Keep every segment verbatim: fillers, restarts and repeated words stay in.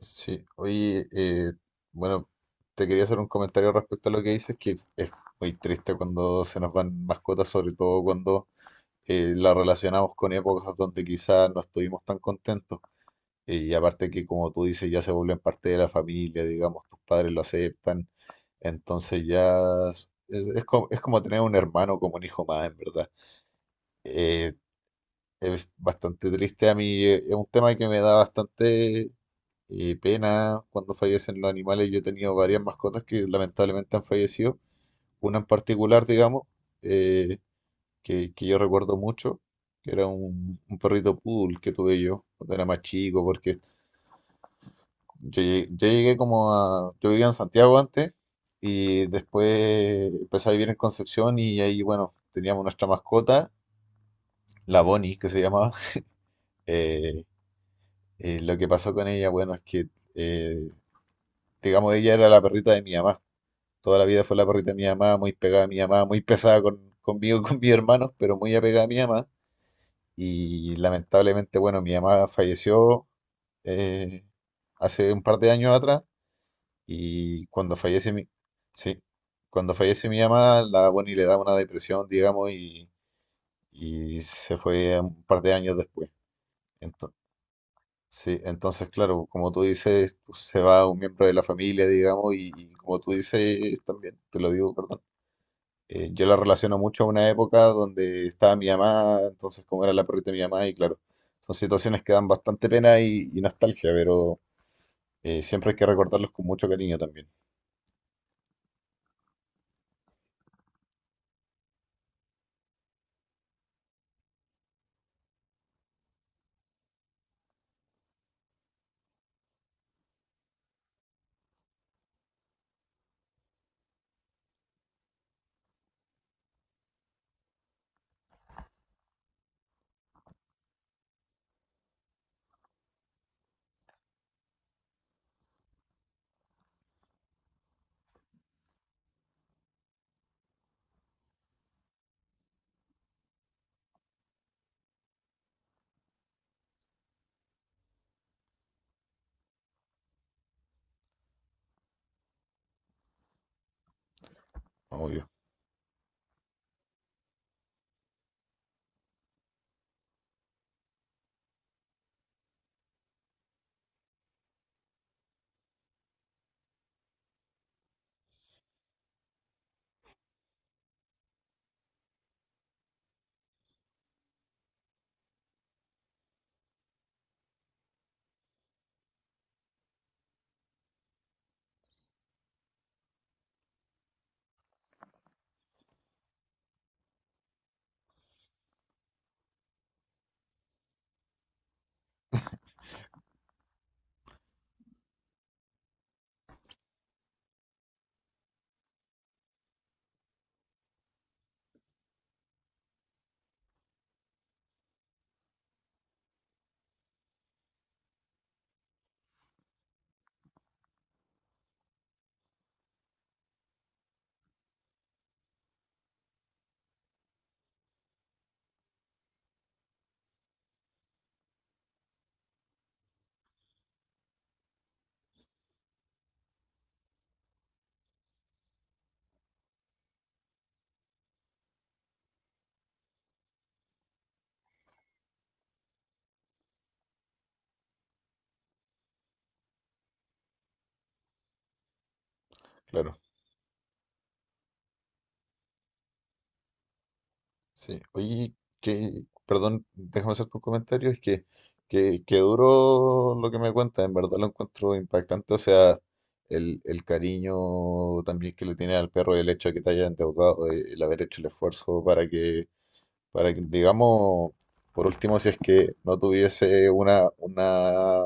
Sí, oye, eh, bueno, te quería hacer un comentario respecto a lo que dices, que es muy triste cuando se nos van mascotas, sobre todo cuando eh, la relacionamos con épocas donde quizás no estuvimos tan contentos. Eh, y aparte que, como tú dices, ya se vuelven parte de la familia, digamos, tus padres lo aceptan, entonces ya es, es como, es como tener un hermano como un hijo más, en verdad. Eh, es bastante triste a mí, eh, es un tema que me da bastante eh, pena cuando fallecen los animales. Yo he tenido varias mascotas que lamentablemente han fallecido. Una en particular, digamos, eh, que, que yo recuerdo mucho, que era un, un perrito poodle que tuve yo cuando era más chico, porque yo llegué, yo llegué como a... Yo vivía en Santiago antes y después empecé a vivir en Concepción y ahí, bueno, teníamos nuestra mascota, la Bonnie, que se llamaba. Eh, eh, lo que pasó con ella, bueno, es que, eh, digamos, ella era la perrita de mi mamá. Toda la vida fue la perrita de mi mamá, muy pegada a mi mamá, muy pesada con, conmigo, y con mis hermanos, pero muy apegada a mi mamá. Y lamentablemente, bueno, mi mamá falleció eh, hace un par de años atrás y cuando fallece mi, sí, cuando fallece mi mamá, la Bonnie le da una depresión, digamos, y, y se fue un par de años después. Entonces, sí, entonces, claro, como tú dices, pues, se va un miembro de la familia, digamos, y, y como tú dices también, te lo digo, perdón. Eh, yo la relaciono mucho a una época donde estaba mi mamá, entonces como era la perrita de mi mamá, y claro, son situaciones que dan bastante pena y, y nostalgia, pero eh, siempre hay que recordarlos con mucho cariño también, obvio, claro. Sí, oye, que, perdón, déjame hacer tu comentario, es que, que, que duro lo que me cuentas, en verdad lo encuentro impactante, o sea, el, el cariño también que le tiene al perro y el hecho de que te haya endeudado, eh, el haber hecho el esfuerzo para que. Para que, digamos, por último, si es que no tuviese una, una,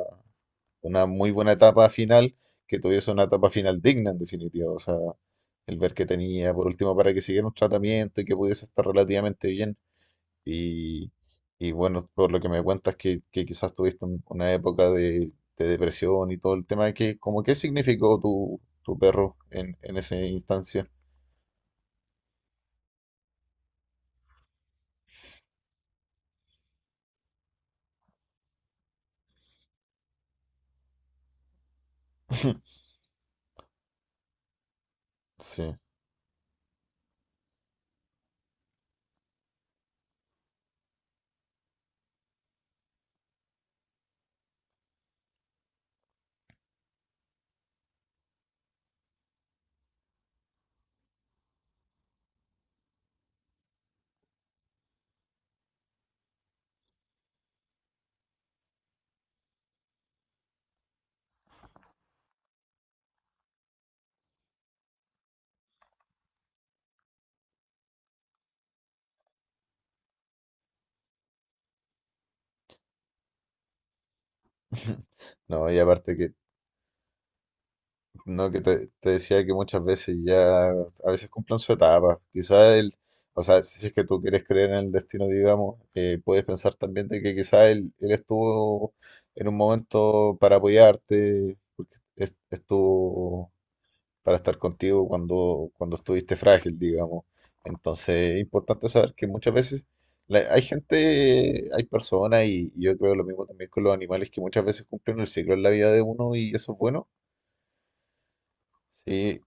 una muy buena etapa final, que tuviese una etapa final digna, en definitiva. O sea, el ver que tenía, por último, para que siguiera un tratamiento y que pudiese estar relativamente bien. Y, y bueno, por lo que me cuentas, que, que quizás tuviste un- una época de, de depresión y todo el tema, que, como, ¿qué significó tu, tu perro en, en esa instancia? Sí. No, y aparte que. No, que te, te decía que muchas veces ya, a veces cumplen su etapa. Quizás el, o sea, si es que tú quieres creer en el destino, digamos, eh, puedes pensar también de que quizás él, él estuvo en un momento para apoyarte, porque es- estuvo para estar contigo cuando, cuando estuviste frágil, digamos. Entonces, es importante saber que muchas veces la- hay gente, hay personas, y, y yo creo lo mismo también con los animales, que muchas veces cumplen el ciclo en la vida de uno y eso es bueno. Sí,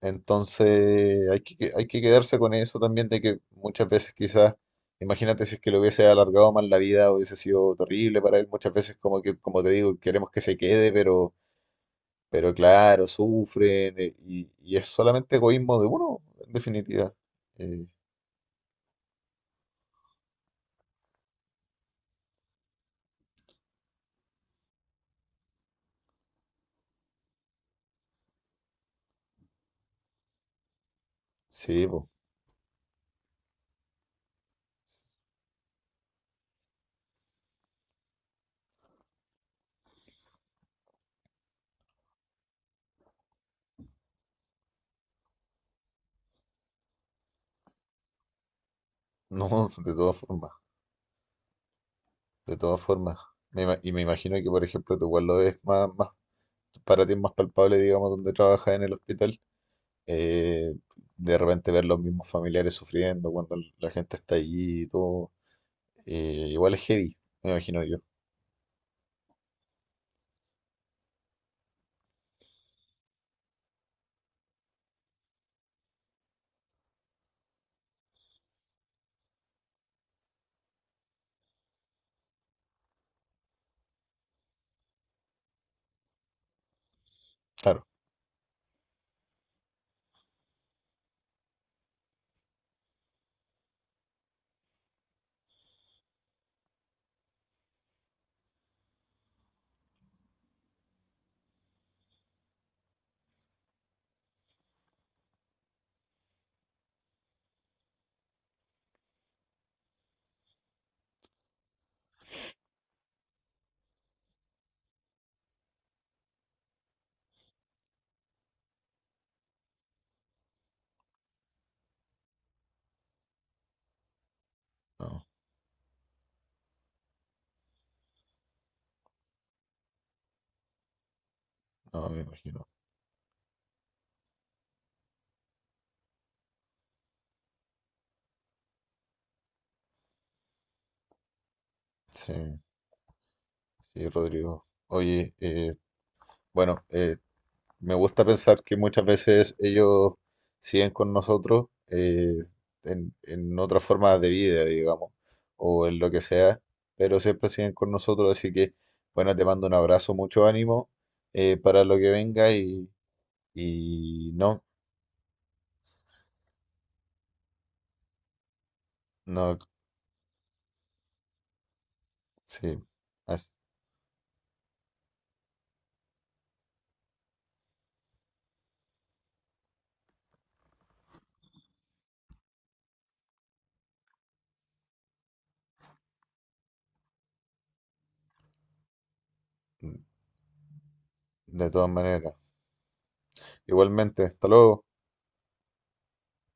entonces hay que, hay que quedarse con eso también de que muchas veces quizás, imagínate si es que le hubiese alargado más la vida, hubiese sido terrible para él. Muchas veces como que, como te digo, queremos que se quede, pero, pero claro, sufren eh, y, y es solamente egoísmo de uno, en definitiva. Eh, sí, pues, no, de todas formas, de todas formas. Me ima- y me imagino que, por ejemplo, tu igual lo es más, más, para ti es más palpable, digamos, donde trabajas en el hospital eh, de repente ver los mismos familiares sufriendo cuando la gente está allí y todo, eh, igual es heavy, me imagino yo. Claro, no, no, me imagino. Sí, sí, Rodrigo. Oye, eh, bueno, eh, me gusta pensar que muchas veces ellos siguen con nosotros eh, en, en otra forma de vida, digamos, o en lo que sea, pero siempre siguen con nosotros, así que, bueno, te mando un abrazo, mucho ánimo eh, para lo que venga y, y no, no, sí. as- de todas maneras. Igualmente, hasta luego.